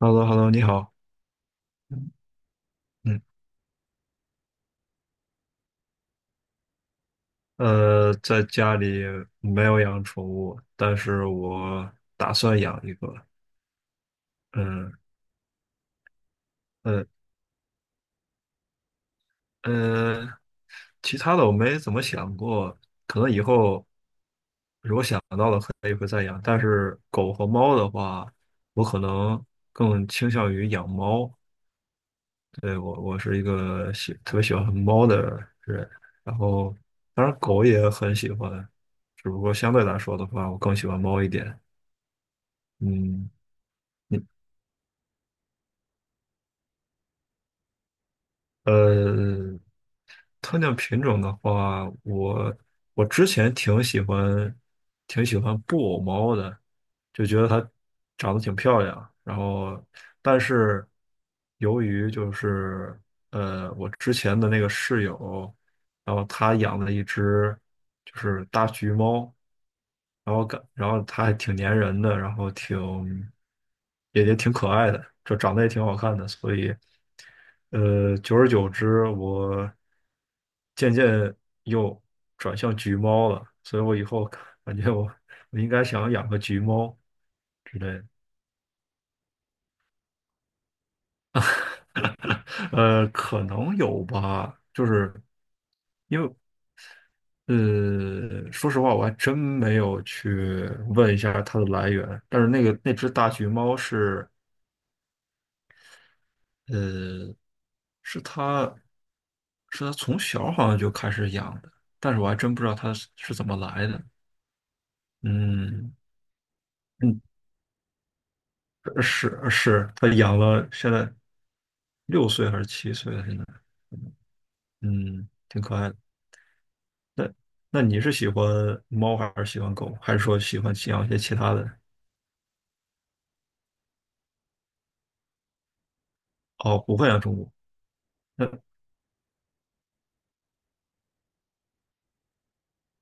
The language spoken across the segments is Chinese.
h e l l o h e l l o 你好。嗯，在家里没有养宠物，但是我打算养一个。嗯，嗯嗯，其他的我没怎么想过，可能以后如果想到了，可以会再养。但是狗和猫的话，我可能更倾向于养猫。对，我是一个特别喜欢猫的人，然后当然狗也很喜欢，只不过相对来说的话，我更喜欢猫一点。嗯，你呃，特定品种的话，我之前挺喜欢布偶猫的，就觉得它长得挺漂亮。然后，但是由于就是我之前的那个室友。然后他养了一只就是大橘猫，然后感然后它还挺粘人的，然后挺也挺可爱的，就长得也挺好看的，所以久而久之，我渐渐又转向橘猫了，所以我以后感觉我应该想养个橘猫之类的，可能有吧，就是。说实话，我还真没有去问一下它的来源。但是那个那只大橘猫是，呃，是它是它从小好像就开始养的，但是我还真不知道它是怎么来的。嗯嗯，是是，它养了现在6岁还是7岁了？现在，嗯，挺可爱的。那你是喜欢猫还是喜欢狗，还是说喜欢养一些其他的？哦，不会养宠物。那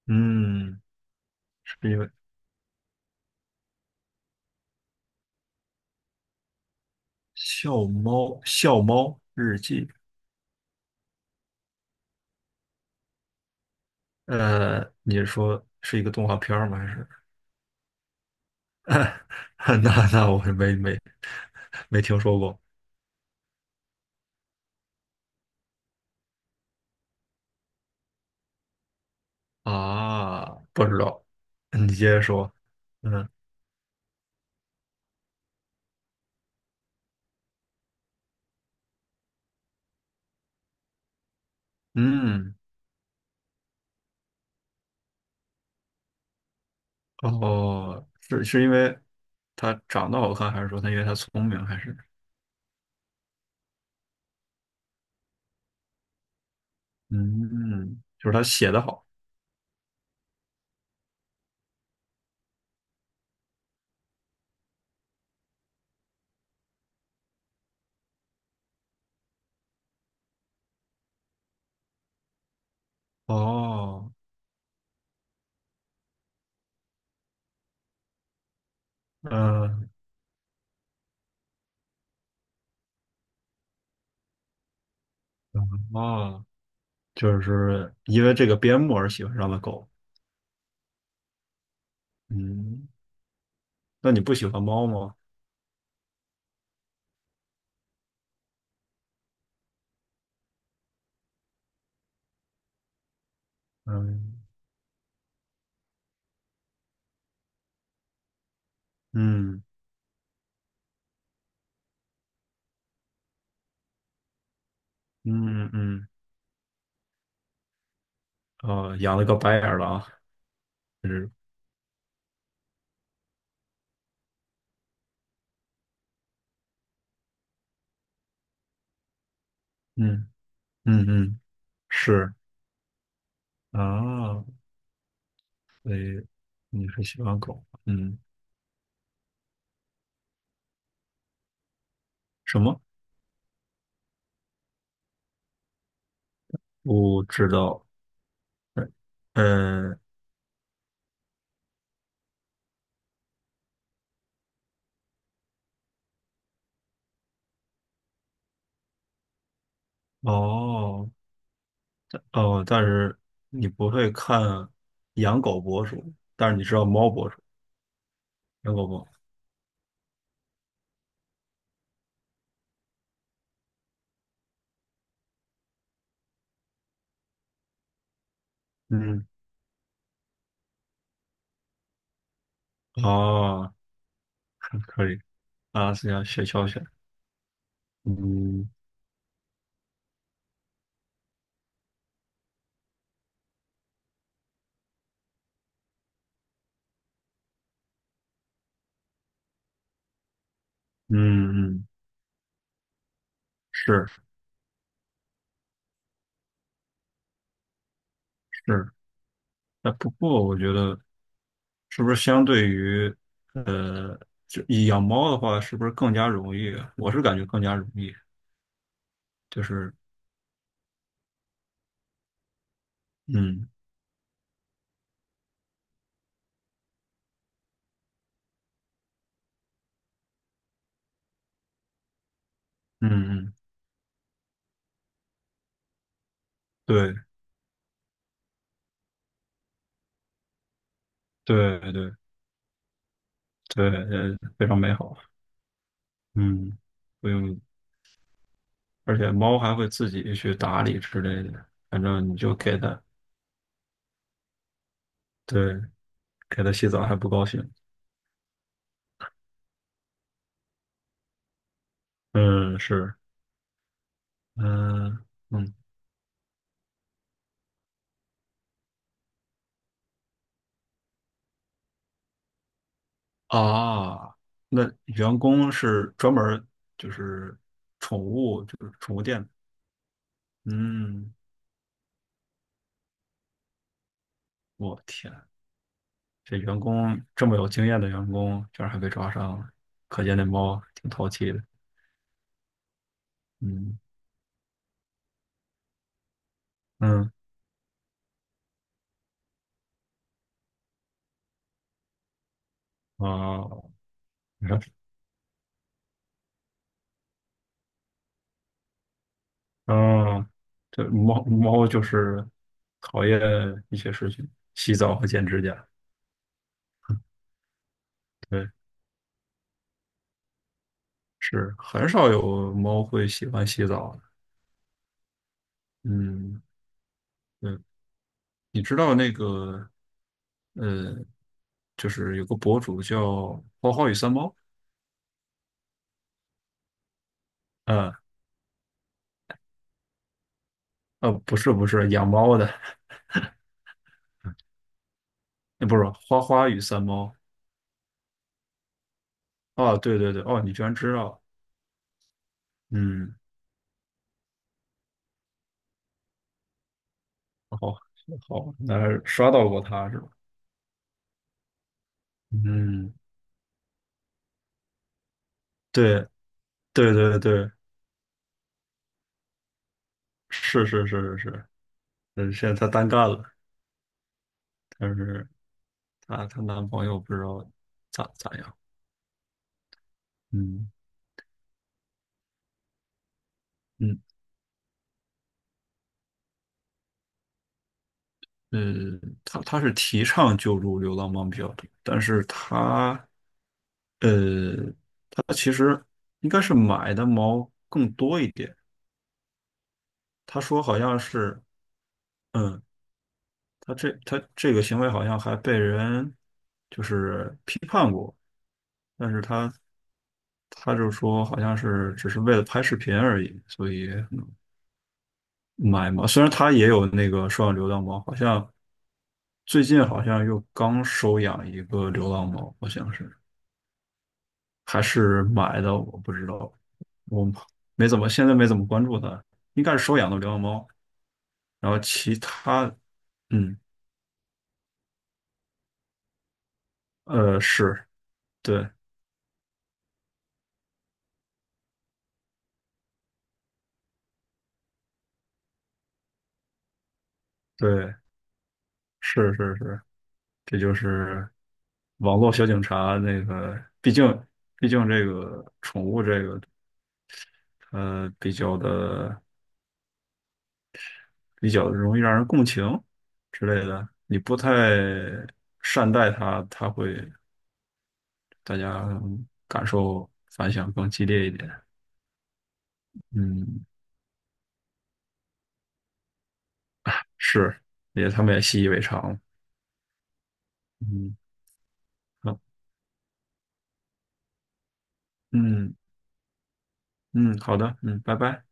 嗯。是因为笑猫日记，你是说是一个动画片儿吗？还是？那我没听说过啊，不知道。你接着说。嗯嗯，哦，是因为他长得好看，还是说他因为他聪明，还是嗯，就是他写的好。哦，嗯，嗯哦，就是因为这个边牧而喜欢上的狗。嗯，那你不喜欢猫吗？嗯嗯嗯嗯嗯，哦，养了个白眼儿狼，就是嗯嗯嗯，是啊，所以你是喜欢狗？嗯，什么？不知道。呃嗯，哦哦，但是你不会看养狗博主，但是你知道猫博主，养狗博主。嗯，哦，可以啊，是要学教学。嗯嗯嗯，是是。那不过我觉得是不是相对于呃，就养猫的话，是不是更加容易啊我是感觉更加容易，就是嗯嗯嗯，对对对对，非常美好，嗯，不用，而且猫还会自己去打理之类的，反正你就给它，对，给它洗澡还不高兴，嗯，是，嗯嗯。啊，那员工是专门儿就是宠物，就是宠物店的。嗯，我天，这员工这么有经验的员工，居然还被抓伤了，可见那猫挺淘气的。嗯嗯啊，你啊，这猫猫就是讨厌一些事情，洗澡和剪指甲。对，是很少有猫会喜欢洗澡的。嗯，对，你知道那个。呃，就是有个博主叫花花与三猫，嗯，不是不是养猫的，那不是花花与三猫哦，对对对，哦，你居然知道，嗯，好好，那刷到过他是吧？嗯，对对对对，是是是是是，嗯，现在她单干了，但是她男朋友不知道咋样，嗯嗯呃，她是提倡救助流浪猫比较多，但是她呃它其实应该是买的猫更多一点。他说好像是，嗯，他这个行为好像还被人就是批判过，但是他就说好像是只是为了拍视频而已，所以买嘛。虽然他也有那个收养流浪猫，好像最近好像又刚收养一个流浪猫，好像是还是买的，我不知道，我没怎么现在没怎么关注他，应该是收养的流浪猫。然后其他，嗯，是，对对，是是是，这就是网络小警察那个，毕竟这个宠物这个，呃，比较的比较容易让人共情之类的，你不太善待它，它会大家感受反响更激烈一点。嗯，是，他们也习以为常了。嗯，好，嗯嗯，好的，嗯，拜拜。